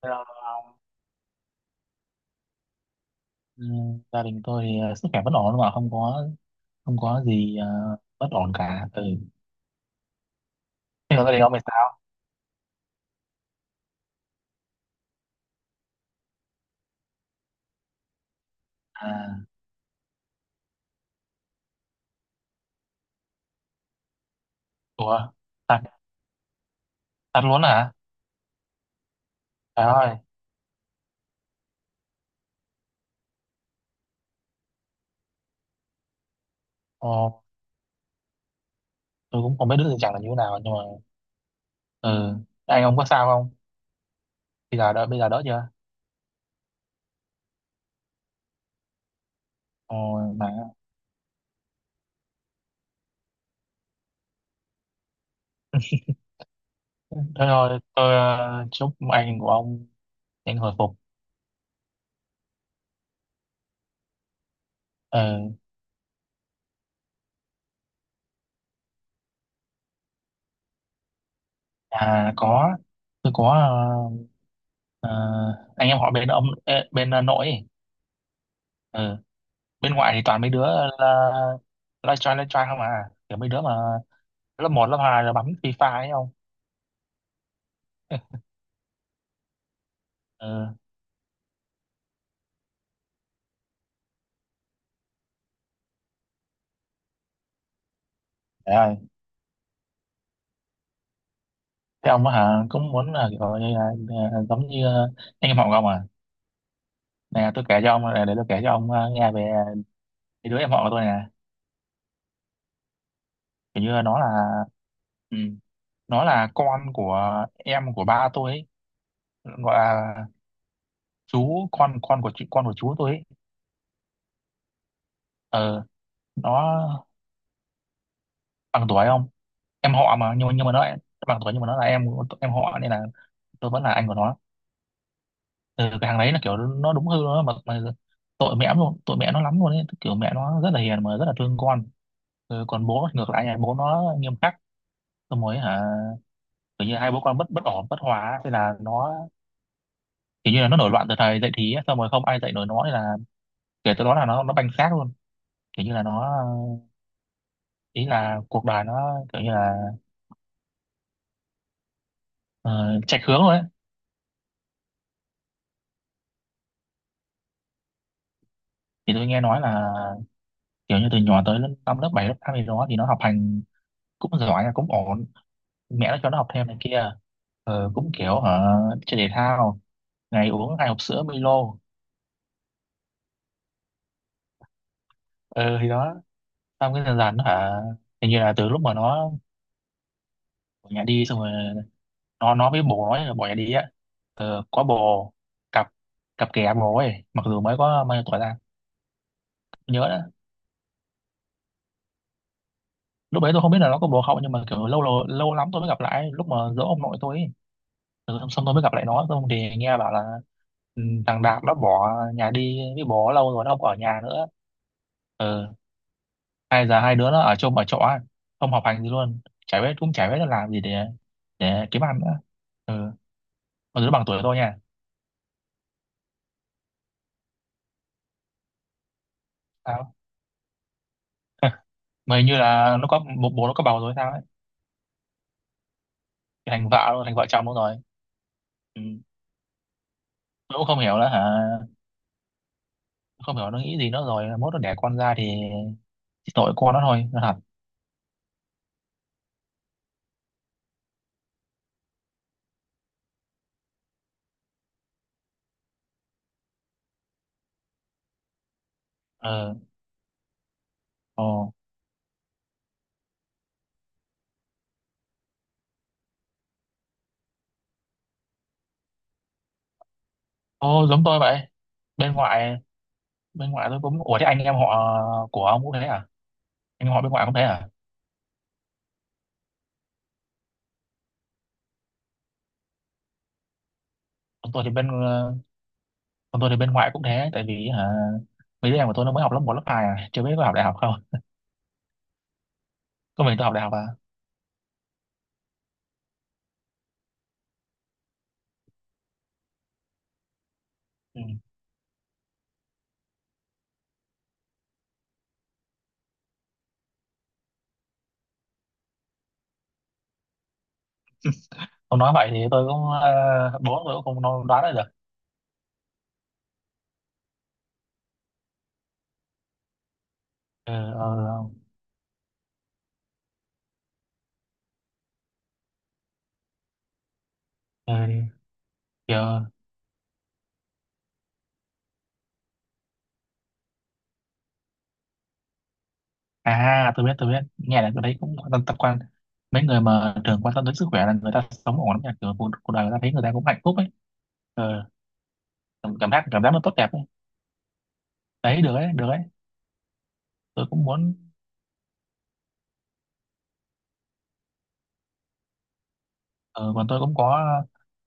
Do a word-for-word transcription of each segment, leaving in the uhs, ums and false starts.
Ờ. ừ, Gia đình tôi thì ờ, sức khỏe vẫn ổn, mà không có không có gì ờ, bất ổn cả. Ừ, thế còn gia đình ông thì sao? À, ủa, tạt tạt luôn hả? Trời ơi. Ồ, tôi cũng không biết đứa tình trạng là như thế nào, nhưng mà ừ, anh ông có sao không? Bây giờ đỡ bây giờ đỡ chưa? Ồ. Mà thế, thôi tôi ờ, chúc anh của ông nhanh hồi phục. Ừ. À có, tôi có, ờ, ờ, anh em họ bên ông, ê, bên ờ, nội ấy. Ừ, bên ngoại thì toàn mấy đứa là live try live try không à, kiểu mấy đứa mà lớp một lớp hai là bấm FIFA ấy không. Ừ. Thế ơi, thế ông á hả, cũng muốn là kiểu như là, à, giống như à, anh em họ của ông à? Nè, tôi kể cho ông để, để tôi kể cho ông à, nghe về cái đứa em họ của tôi nè. Kiểu như là nó là, ừ, nó là con của em của ba tôi ấy. Gọi là chú, con con của chị, con của chú tôi ấy. Ờ, nó bằng tuổi không? Em họ mà, nhưng mà nhưng mà nó lại- bằng tuổi, nhưng mà nó là em em họ, nên là tôi vẫn là anh của nó. Ừ, cái thằng đấy là kiểu nó đúng hư, nó mà, mà tội mẹ luôn, tội mẹ nó lắm luôn ấy. Kiểu mẹ nó rất là hiền, mà rất là thương con. Ừ, còn bố ngược lại, nhà bố nó nghiêm khắc. Xong rồi hả, kiểu như hai bố con bất bất ổn, bất hòa ấy. Thế là nó kiểu như là nó nổi loạn từ thời dậy thì ấy. Xong rồi không ai dạy nổi nó, thế là kể từ đó là nó nó banh xác luôn. Kiểu như là nó, ý là cuộc đời nó kiểu như là uh, chệch hướng rồi ấy. Thì tôi nghe nói là kiểu như từ nhỏ tới lớp năm lớp bảy lớp tám gì đó thì nó học hành cũng giỏi, cũng ổn. Mẹ nó cho nó học thêm này kia. Ờ, cũng kiểu hả, chơi thể thao, ngày uống hai hộp sữa Milo. Ờ thì đó, xong cái dần dần nó hả, hình như là từ lúc mà nó bỏ nhà đi. Xong rồi nó nó với bồ nó là bỏ nhà đi á. Ờ, có bồ, cặp cặp kè bồ ấy, mặc dù mới có bao nhiêu tuổi ra. Tôi nhớ đó, lúc đấy tôi không biết là nó có bồ không, nhưng mà kiểu lâu, lâu lâu lắm tôi mới gặp lại, lúc mà giỗ ông nội tôi ấy. Ừ, xong xong tôi mới gặp lại nó, xong thì nghe bảo là ừ, thằng Đạt nó bỏ nhà đi với bố lâu rồi, nó không ở nhà nữa. Ừ, hai giờ hai đứa nó ở chung ở chỗ ấy, không học hành gì luôn. Chả biết, cũng chả biết là làm gì để để kiếm ăn nữa. Ừ, mà đứa bằng tuổi tôi nha. Sao? Mà hình như là nó có bố, bố nó có bầu rồi sao ấy. Thành vợ rồi, thành vợ chồng luôn rồi. Ừ. Tôi cũng không hiểu nữa hả, không hiểu nó nghĩ gì nữa. Rồi mốt nó đẻ con ra thì chỉ tội con nó thôi, nó thật. Ờ. Ồ. Ồ, giống tôi vậy. Bên ngoại, bên ngoại tôi cũng, ủa, thế anh em họ của ông cũng thế à? Anh em họ bên ngoại cũng thế à? Còn tôi thì bên Còn tôi thì bên ngoại cũng thế, tại vì hả, mấy đứa em của tôi nó mới học lớp một lớp hai à, chưa biết có học đại học không. Có mình tôi học đại học à. Ừ. Ông nói vậy thì tôi cũng, ờ, bố tôi cũng không nói- đoán ra được. Ừ. Ờ. ờ, kiểu, à, tôi biết, tôi biết. Nghe là tôi thấy cũng quan tâm tập quan. Mấy người mà thường quan tâm đến sức khỏe là người ta sống ổn lắm nha. Kiểu cuộc, cuộc đời người ta thấy người ta cũng hạnh phúc ấy. Ờ, cảm cảm giác, cảm giác nó tốt đẹp ấy. Đấy, được ấy, được ấy. Tôi cũng muốn. Ờ, còn tôi cũng có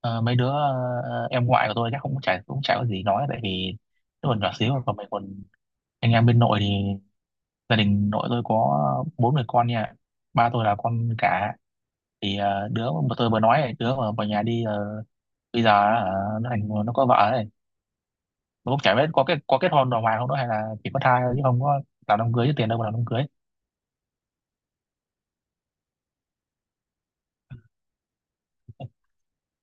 ờ, mấy đứa, ờ, em ngoại của tôi, chắc cũng chả, cũng chả có gì nói, tại vì nó còn nhỏ xíu. Còn mình, còn anh em bên nội thì gia đình nội tôi có bốn người con nha. Ba tôi là con cả. Thì ờ, đứa mà tôi vừa nói ấy, đứa mà vào nhà đi ờ, bây giờ ờ, nó thành, nó có vợ rồi. Nó cũng chả biết có kết có kết hôn đàng hoàng không đó, hay là chỉ có thai thôi chứ không có làm đám cưới. Chứ tiền đâu mà làm đám cưới.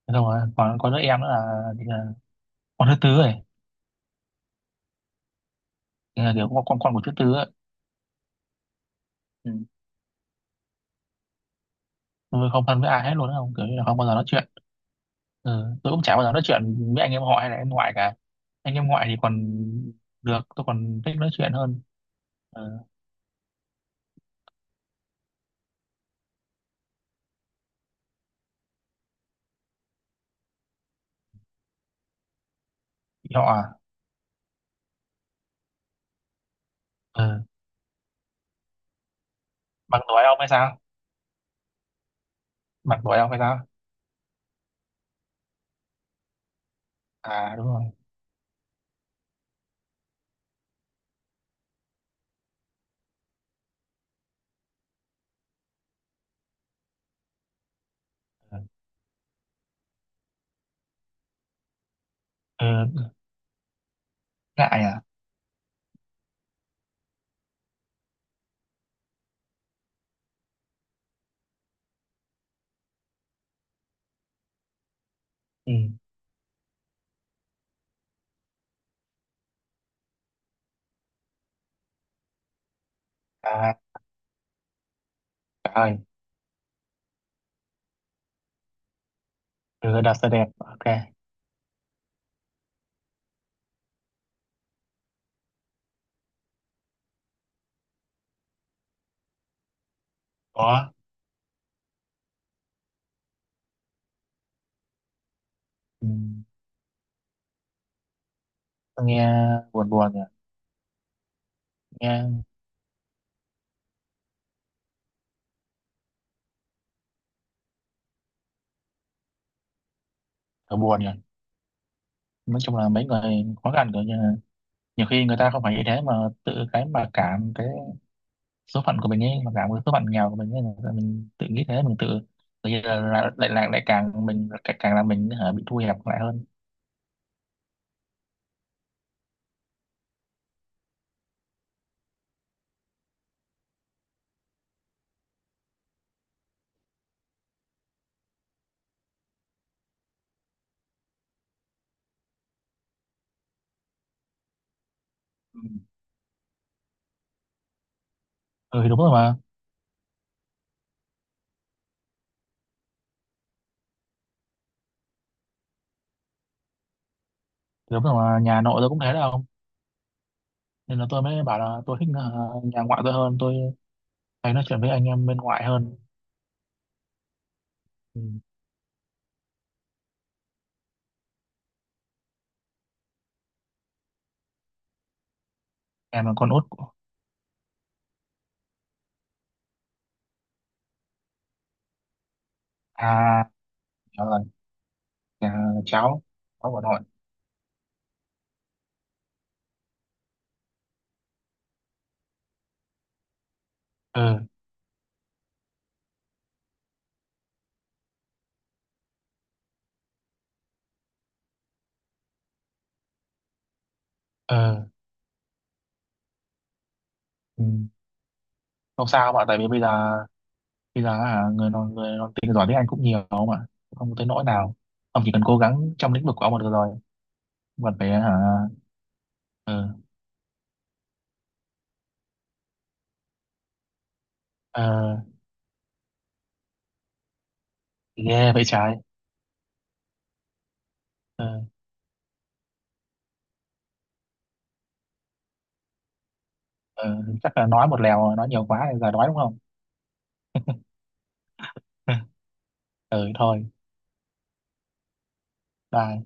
Thế xong rồi còn có đứa em nữa là, thì là con thứ tư rồi. Thì là kiểu con con con của thứ tư ấy. Ừ. Tôi không thân với ai hết luôn á, không, kiểu như là không bao giờ nói chuyện. Ừ, tôi cũng chả bao giờ nói chuyện với anh em họ hay là em ngoại cả. Anh em ngoại thì còn được, tôi còn thích nói chuyện hơn. Ừ. Thì họ à. Ừ. Bằng tuổi ông hay sao? Bằng tuổi ông hay sao? À, đúng rồi. Ừ. Ừ. Ngại à? Ừ. À, trời ơi. Ừ, đặt xe đẹp, ok. Có. Ừ. Tôi nghe buồn, buồn nhỉ. Nghe thở buồn nhỉ. Nói chung là mấy người khó khăn rồi, nhưng mà nhiều khi người ta không phải như thế, mà tự cái mà cảm cái số phận của mình ấy, mà cả một số phận nghèo của mình ấy, là mình tự nghĩ thế. Mình tự, tự nhiên là là- lại lại lại càng mình, càng càng là mình hả, bị thu hẹp lại hơn. Ừ. Ừ thì đúng rồi mà. Thì đúng rồi mà, nhà nội tôi cũng thế đâu. Nên là tôi mới bảo là tôi thích ờ, nhà ngoại tôi hơn. Tôi hay nói chuyện với anh em bên ngoại hơn. Ừ. Em là con út của, à, đó là nhà cháu, cháu của nội. Ừ. Ừ. Ừ. Không sao, mà tại vì bây giờ, bây giờ hả, người nói người nói tiếng giỏi tiếng Anh cũng nhiều mà, không tới nỗi nào. Ông chỉ cần cố gắng trong lĩnh vực của ông là được rồi. Mặt bé hả? Ờ. Ờ. Ghê vậy trái. Ờ. Ờ, chắc là nói một lèo, nói nhiều quá nên giờ đói đúng không? Ừ, thôi, bye.